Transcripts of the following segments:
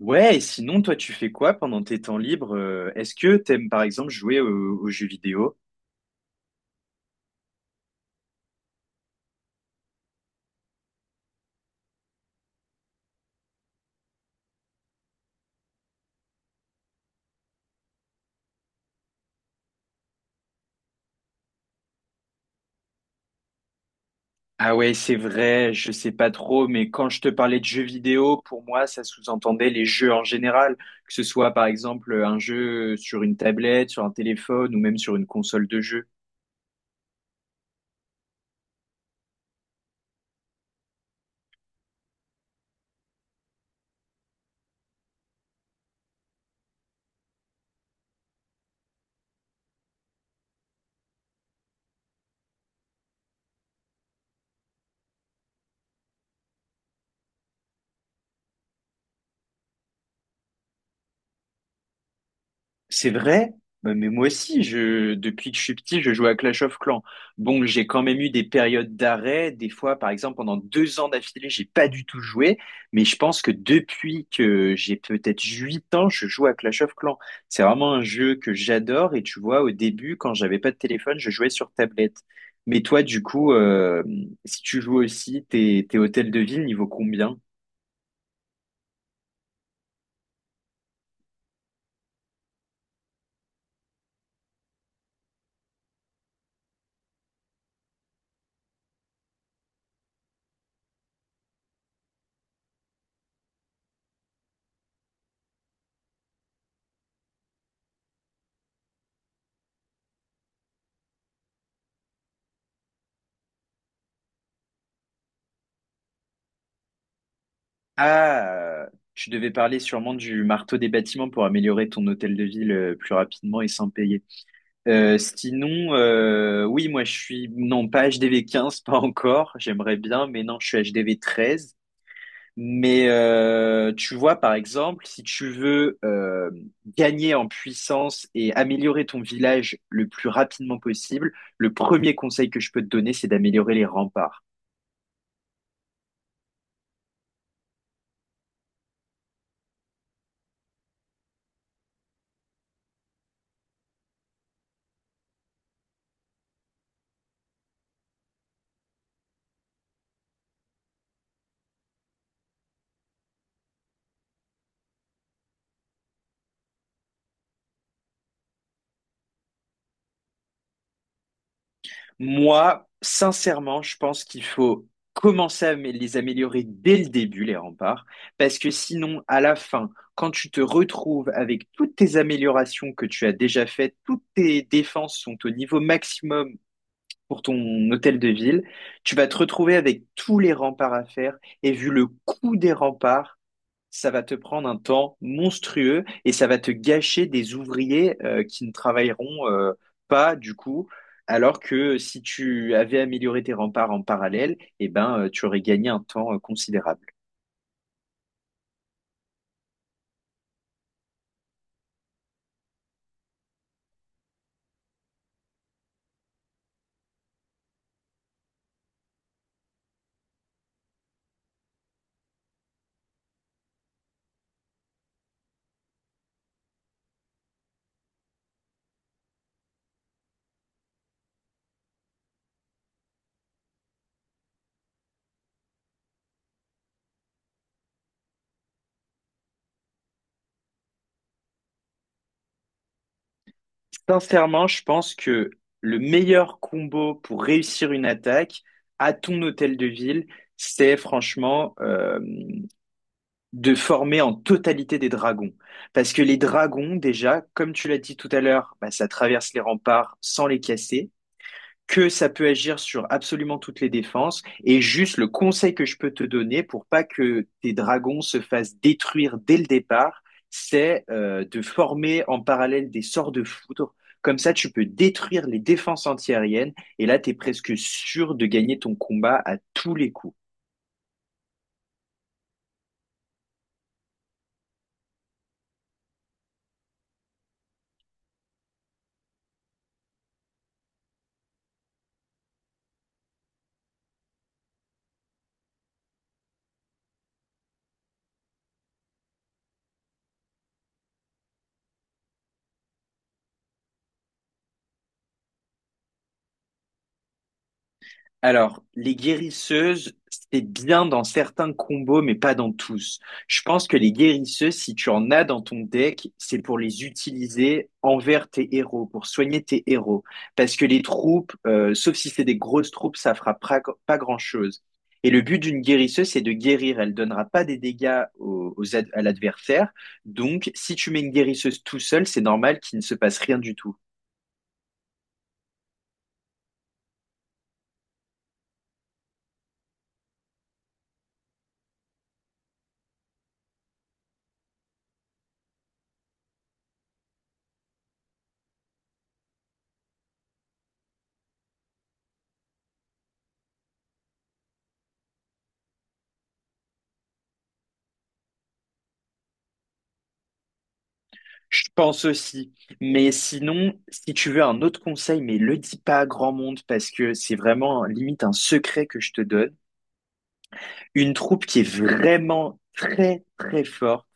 Ouais, et sinon, toi, tu fais quoi pendant tes temps libres? Est-ce que t'aimes, par exemple, jouer aux jeux vidéo? Ah ouais, c'est vrai, je sais pas trop, mais quand je te parlais de jeux vidéo, pour moi, ça sous-entendait les jeux en général, que ce soit, par exemple, un jeu sur une tablette, sur un téléphone ou même sur une console de jeu. C'est vrai, bah, mais moi aussi, depuis que je suis petit, je joue à Clash of Clans. Bon, j'ai quand même eu des périodes d'arrêt. Des fois, par exemple, pendant 2 ans d'affilée, j'ai pas du tout joué. Mais je pense que depuis que j'ai peut-être 8 ans, je joue à Clash of Clans. C'est vraiment un jeu que j'adore. Et tu vois, au début, quand j'avais pas de téléphone, je jouais sur tablette. Mais toi, du coup, si tu joues aussi, tes hôtels de ville, niveau combien? Ah, tu devais parler sûrement du marteau des bâtiments pour améliorer ton hôtel de ville plus rapidement et sans payer. Sinon, oui, moi je suis non pas HDV 15 pas encore. J'aimerais bien, mais non, je suis HDV 13. Mais tu vois, par exemple, si tu veux gagner en puissance et améliorer ton village le plus rapidement possible, le premier conseil que je peux te donner, c'est d'améliorer les remparts. Moi, sincèrement, je pense qu'il faut commencer à les améliorer dès le début, les remparts, parce que sinon, à la fin, quand tu te retrouves avec toutes tes améliorations que tu as déjà faites, toutes tes défenses sont au niveau maximum pour ton hôtel de ville, tu vas te retrouver avec tous les remparts à faire, et vu le coût des remparts, ça va te prendre un temps monstrueux et ça va te gâcher des ouvriers qui ne travailleront pas du coup. Alors que si tu avais amélioré tes remparts en parallèle, eh ben, tu aurais gagné un temps considérable. Sincèrement, je pense que le meilleur combo pour réussir une attaque à ton hôtel de ville, c'est franchement de former en totalité des dragons. Parce que les dragons, déjà, comme tu l'as dit tout à l'heure, bah, ça traverse les remparts sans les casser. Que ça peut agir sur absolument toutes les défenses. Et juste le conseil que je peux te donner pour pas que tes dragons se fassent détruire dès le départ, c'est de former en parallèle des sorts de foudre. Comme ça, tu peux détruire les défenses antiaériennes et là, tu es presque sûr de gagner ton combat à tous les coups. Alors, les guérisseuses, c'est bien dans certains combos, mais pas dans tous. Je pense que les guérisseuses, si tu en as dans ton deck, c'est pour les utiliser envers tes héros, pour soigner tes héros. Parce que les troupes, sauf si c'est des grosses troupes, ça fera pas grand-chose. Et le but d'une guérisseuse, c'est de guérir. Elle donnera pas des dégâts à l'adversaire. Donc, si tu mets une guérisseuse tout seul, c'est normal qu'il ne se passe rien du tout. Je pense aussi. Mais sinon, si tu veux un autre conseil, mais le dis pas à grand monde parce que c'est vraiment limite un secret que je te donne. Une troupe qui est vraiment très très forte,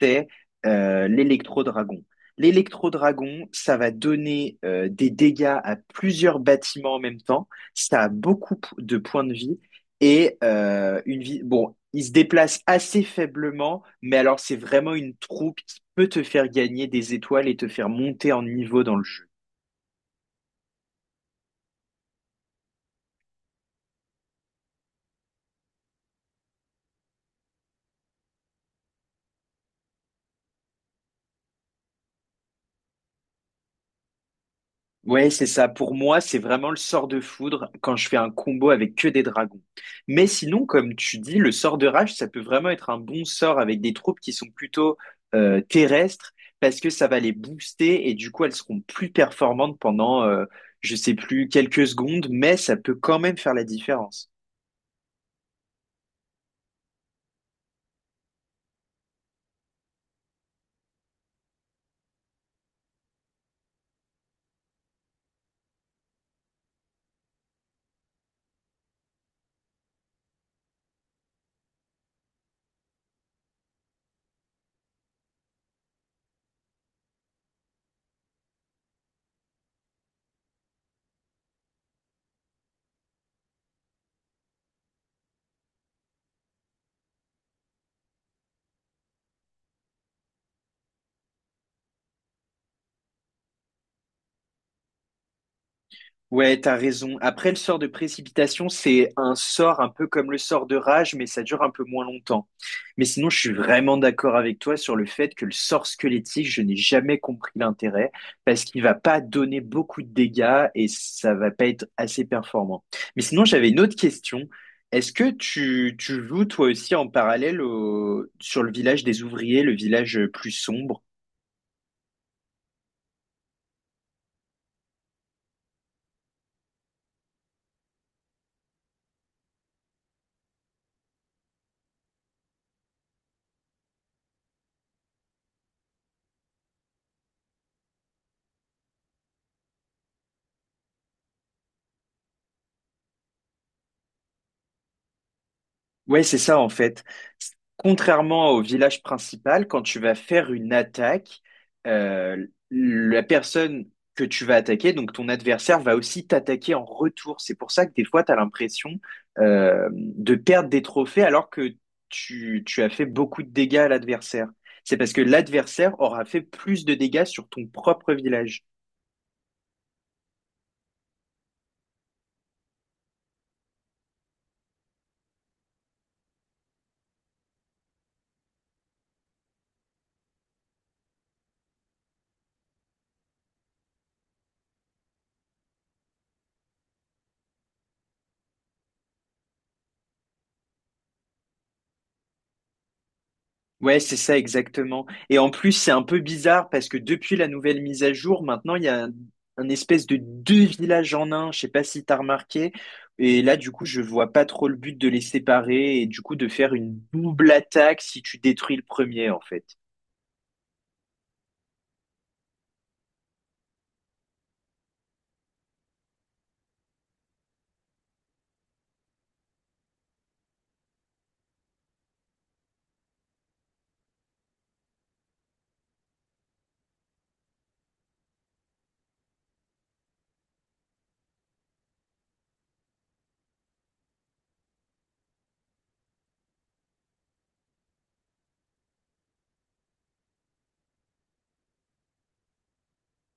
c'est l'électro-dragon. L'électro-dragon, ça va donner des dégâts à plusieurs bâtiments en même temps. Ça a beaucoup de points de vie et une vie. Bon, il se déplace assez faiblement, mais alors c'est vraiment une troupe qui peut te faire gagner des étoiles et te faire monter en niveau dans le jeu. Ouais, c'est ça. Pour moi, c'est vraiment le sort de foudre quand je fais un combo avec que des dragons. Mais sinon, comme tu dis, le sort de rage, ça peut vraiment être un bon sort avec des troupes qui sont plutôt terrestres parce que ça va les booster et du coup, elles seront plus performantes pendant, je sais plus, quelques secondes, mais ça peut quand même faire la différence. Ouais, t'as raison. Après, le sort de précipitation, c'est un sort un peu comme le sort de rage, mais ça dure un peu moins longtemps. Mais sinon, je suis vraiment d'accord avec toi sur le fait que le sort squelettique, je n'ai jamais compris l'intérêt parce qu'il va pas donner beaucoup de dégâts et ça va pas être assez performant. Mais sinon, j'avais une autre question. Est-ce que tu joues toi aussi en parallèle au, sur le village des ouvriers, le village plus sombre? Ouais, c'est ça en fait. Contrairement au village principal, quand tu vas faire une attaque, la personne que tu vas attaquer, donc ton adversaire, va aussi t'attaquer en retour. C'est pour ça que des fois, tu as l'impression de perdre des trophées alors que tu as fait beaucoup de dégâts à l'adversaire. C'est parce que l'adversaire aura fait plus de dégâts sur ton propre village. Ouais, c'est ça exactement. Et en plus, c'est un peu bizarre parce que depuis la nouvelle mise à jour, maintenant, il y a un espèce de deux villages en un. Je sais pas si t'as remarqué. Et là, du coup, je vois pas trop le but de les séparer et du coup de faire une double attaque si tu détruis le premier, en fait.